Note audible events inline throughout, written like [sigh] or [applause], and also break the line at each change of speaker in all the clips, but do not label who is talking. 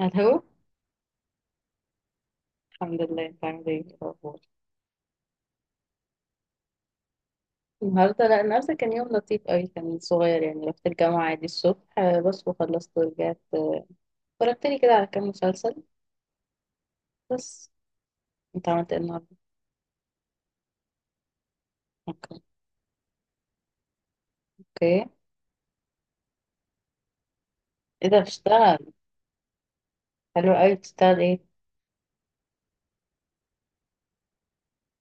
الو. الحمد لله، انت عامل ايه؟ إيه الاخبار؟ النهارده، لا النهارده كان يوم لطيف قوي، كان صغير يعني. رحت الجامعه عادي الصبح بس، وخلصت ورجعت اتفرجت لي كده على كام مسلسل بس. انت عملت ايه النهارده؟ اوكي. اوكي. ايه ده، بتشتغل؟ حلو قوي، بتشتغل ايه؟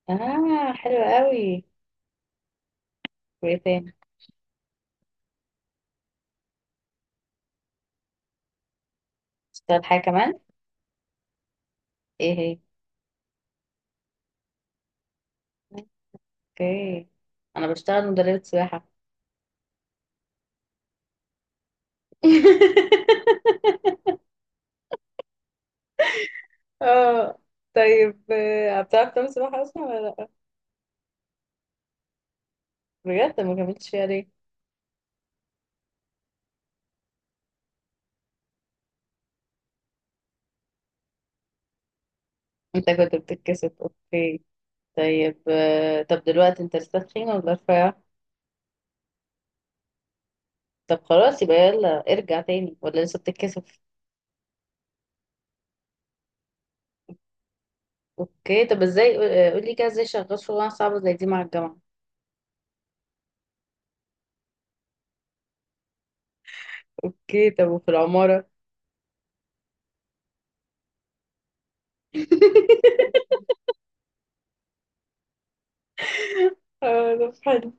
اه، حلو قوي. وايه تاني؟ بتشتغل حاجه كمان؟ ايه هي؟ اوكي، انا بشتغل مدربه سباحه. [laughs] اه، طيب. بتعرف تعمل سباحه اصلا ولا لا؟ بجد، ما كملتش فيها ليه؟ انت كنت بتتكسف، اوكي. طيب طب دلوقتي انت لسه تخين ولا رفيع؟ طب خلاص، يبقى يلا ارجع تاني ولا لسه بتتكسف؟ اوكي، طب ازاي؟ قولي كده، ازاي شغال شغلانه صعبه زي دي مع الجامعه؟ اوكي، طب وفي العماره؟ [laughs] اه، طب حلو.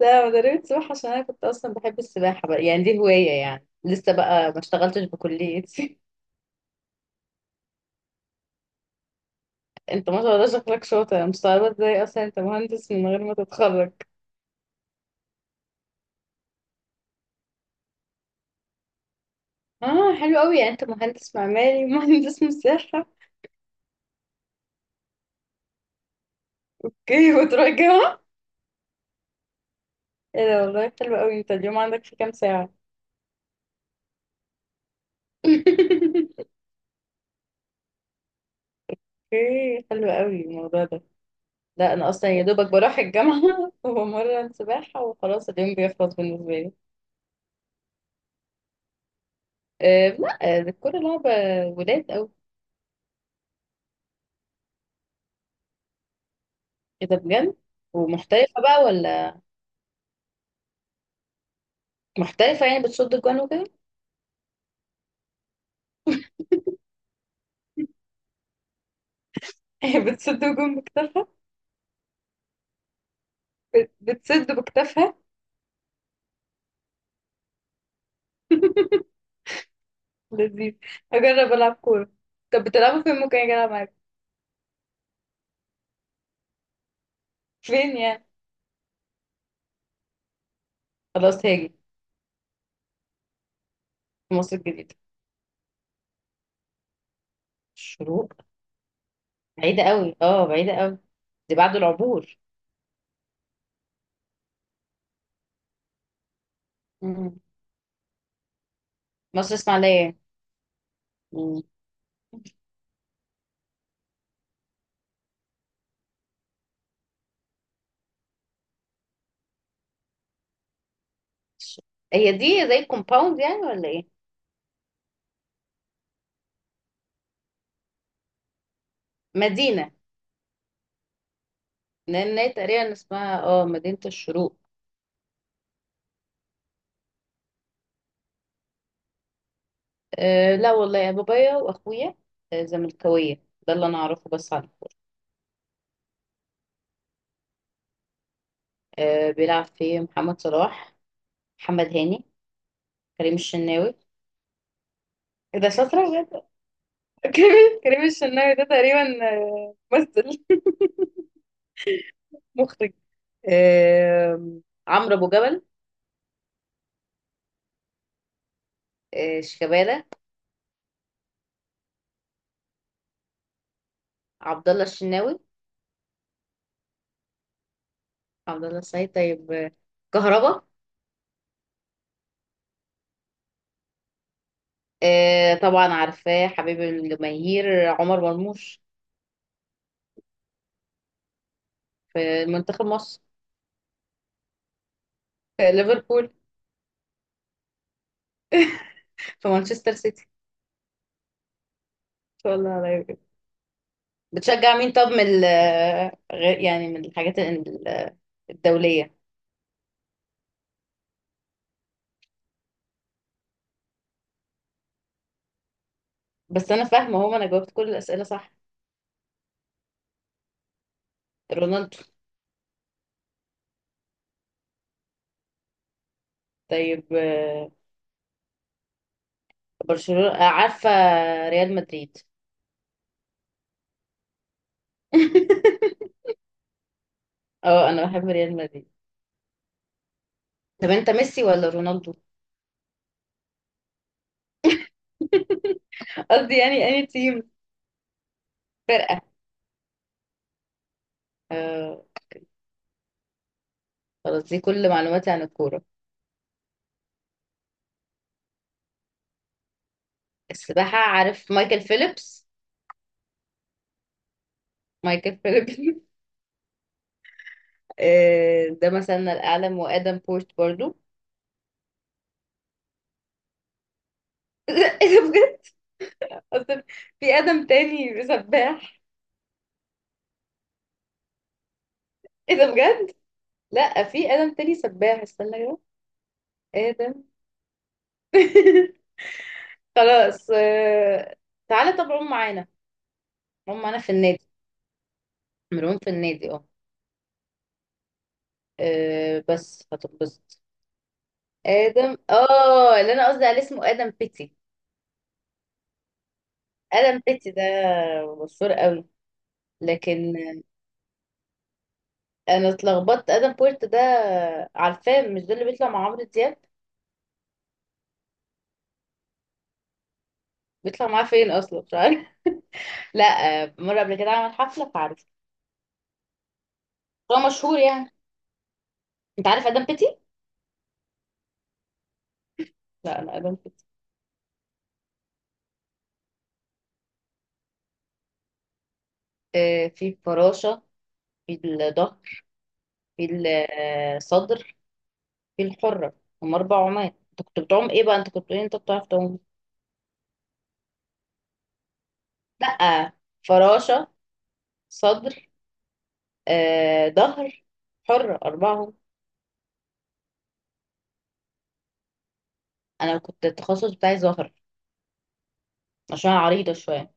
لا انا رميت سباحه عشان انا كنت اصلا بحب السباحه بقى، يعني دي هوايه يعني، لسه بقى ما اشتغلتش بكليتي. [laughs] انت ما شاء الله شكلك شاطر، انا مستغربه ازاي اصلا انت مهندس من غير ما تتخرج. اه حلو قوي، يعني انت مهندس معماري [laughs] مهندس مساحه. اوكي، وتروح الجامعة؟ ايه ده والله، حلو قوي. طب اليوم عندك فيه كام ساعة؟ [laughs] اوكي. حلو قوي الموضوع ده. لا انا اصلا يا دوبك بروح الجامعة [laughs] وبمرن سباحة وخلاص، اليوم بيخلص بالنسبة لي. أه لا، الكورة لعبة ولاد قوي. كده بجد؟ ومحترفة بقى ولا؟ محترفة يعني، بتصد الجوان وكده؟ [laughs] هي بتصد الجون بكتافها. بتصد بكتافها. لذيذ. هجرب العب كورة. طب بتلعبوا فين، ممكن اجي العب معاك؟ فين يعني؟ خلاص هاجي. في مصر الجديدة. الشروق. بعيدة قوي، اه بعيدة قوي، دي بعد العبور. مم. مصر اسماعيلية. مم. هي دي زي الكومباوند يعني ولا ايه؟ مدينة. لان هي تقريبا اسمها مدينة الشروق. أه لا، والله يا بابايا واخويا. زملكاوية، ده اللي انا اعرفه بس عنه. أه، بيلعب في محمد صلاح، محمد هاني، كريم الشناوي. إيه ده، شاطرة بجد. [laughs] كريم الشناوي ده تقريبا ممثل. مخرج. أه، عمرو ابو جبل. أه، شيكابالا. عبد الله الشناوي. عبد الله السعيد. طيب كهربا. آه طبعا، عارفاه حبيب الجماهير عمر مرموش. في منتخب مصر. في ليفربول. في مانشستر سيتي. ان شاء الله على خير. بتشجع مين؟ طب من غير يعني، من الحاجات الدولية. بس انا فاهمة، هو انا جاوبت كل الأسئلة صح؟ رونالدو. طيب برشلونة. عارفة، ريال مدريد. [laughs] اه، انا بحب ريال مدريد. طب انت ميسي ولا رونالدو؟ [laughs] قصدي يعني، اني تيم، فرقة. آه. خلاص، دي كل معلوماتي عن الكورة. السباحة، عارف مايكل فيليبس؟ مايكل فيليبس. [laughs] ده مثلنا الأعلى، وآدم بورت برضو. [laughs] ايه ده بجد؟ اصل في آدم تاني سباح. ايه ده بجد؟ لا في آدم تاني سباح، استنى كده. آدم. [laughs] خلاص. آه. تعالى طب، عم معانا. عم معانا في النادي، ملعوب في النادي، اه. بس هتنبسط. آدم، اللي انا قصدي عليه اسمه آدم بيتي. آدم بيتي ده مشهور قوي، لكن. انا اتلخبطت، ادم بورت ده عارفاه، مش ده اللي بيطلع مع عمرو دياب؟ بيطلع معاه فين اصلا، مش عارف. [laughs] لا. مره قبل كده عمل حفله فعارف. هو مشهور يعني. انت عارف ادم بيتي؟ لا، انا ادم بيتي. في الفراشه، في الظهر، في الصدر، في الحره. هم 4 عمال. انت كنت بتعوم ايه بقى؟ انت كنت بتقول انت بتعرف تعوم. لا. فراشه، صدر، ظهر، حره، 4. انا كنت التخصص بتاعي ظهر، عشان أنا عريضه شويه.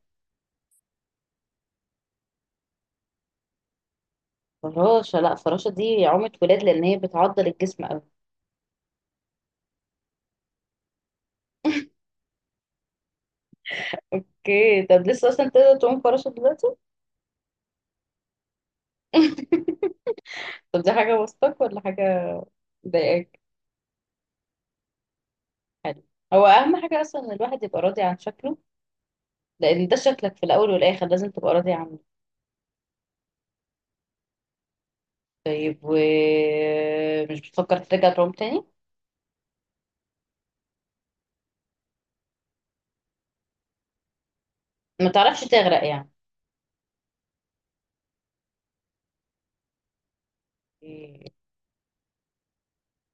فراشة، لا فراشة دي عومة ولاد، لأن هي بتعضل الجسم أوي. اوكي طب، لسه أصلا تقدر تعوم فراشة دلوقتي؟ [laughs] طب دي حاجة وسطك، ولا حاجة مضايقاك؟ حلو. هو أهم حاجة أصلا إن الواحد يبقى راضي عن شكله، لأن ده شكلك في الأول والآخر، لازم تبقى راضي عنه. طيب، ومش بتفكر ترجع تعوم تاني؟ ما تعرفش تغرق يعني. إيه.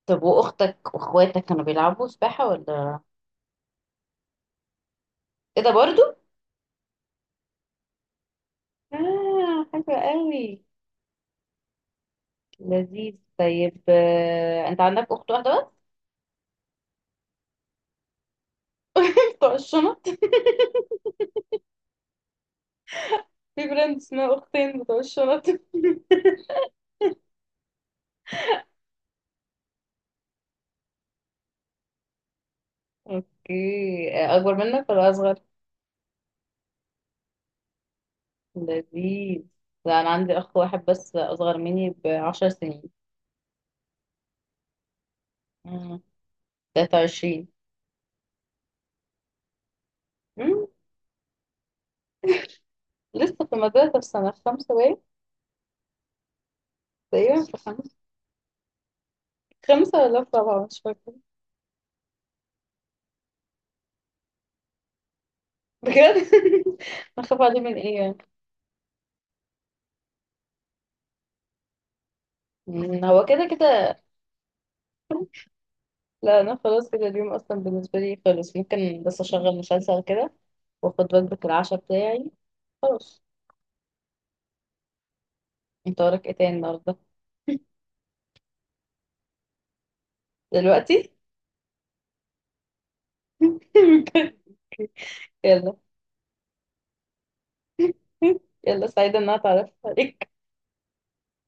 طب وأختك وأخواتك كانوا بيلعبوا سباحة ولا؟ إيه ده برضو؟ حلو قوي. لذيذ. طيب أنت عندك أخت واحدة بس؟ [laughs] بتوع الشنط؟ في براند اسمها أختين بتوع الشنط. اوكي، اكبر منك ولا اصغر؟ لذيذ. لا انا عندي اخ واحد بس، اصغر مني بـ10 سنين. مم. 23. مم. لسه في المدرسة، في سنة خمسة باين، تقريبا في خمسة، خمسة ولا في رابعة، مش فاكرة. بجد. [laughs] اخاف عليه من ايه يعني؟ هو كده كده. لا انا خلاص كده، اليوم اصلا بالنسبة لي خلص، ممكن بس اشغل مسلسل كده، واخد وجبة العشاء بتاعي، خلاص. انت وراك ايه تاني النهاردة؟ دلوقتي. [laughs] يلا. يلا، سعيدة ان انا اتعرف عليك.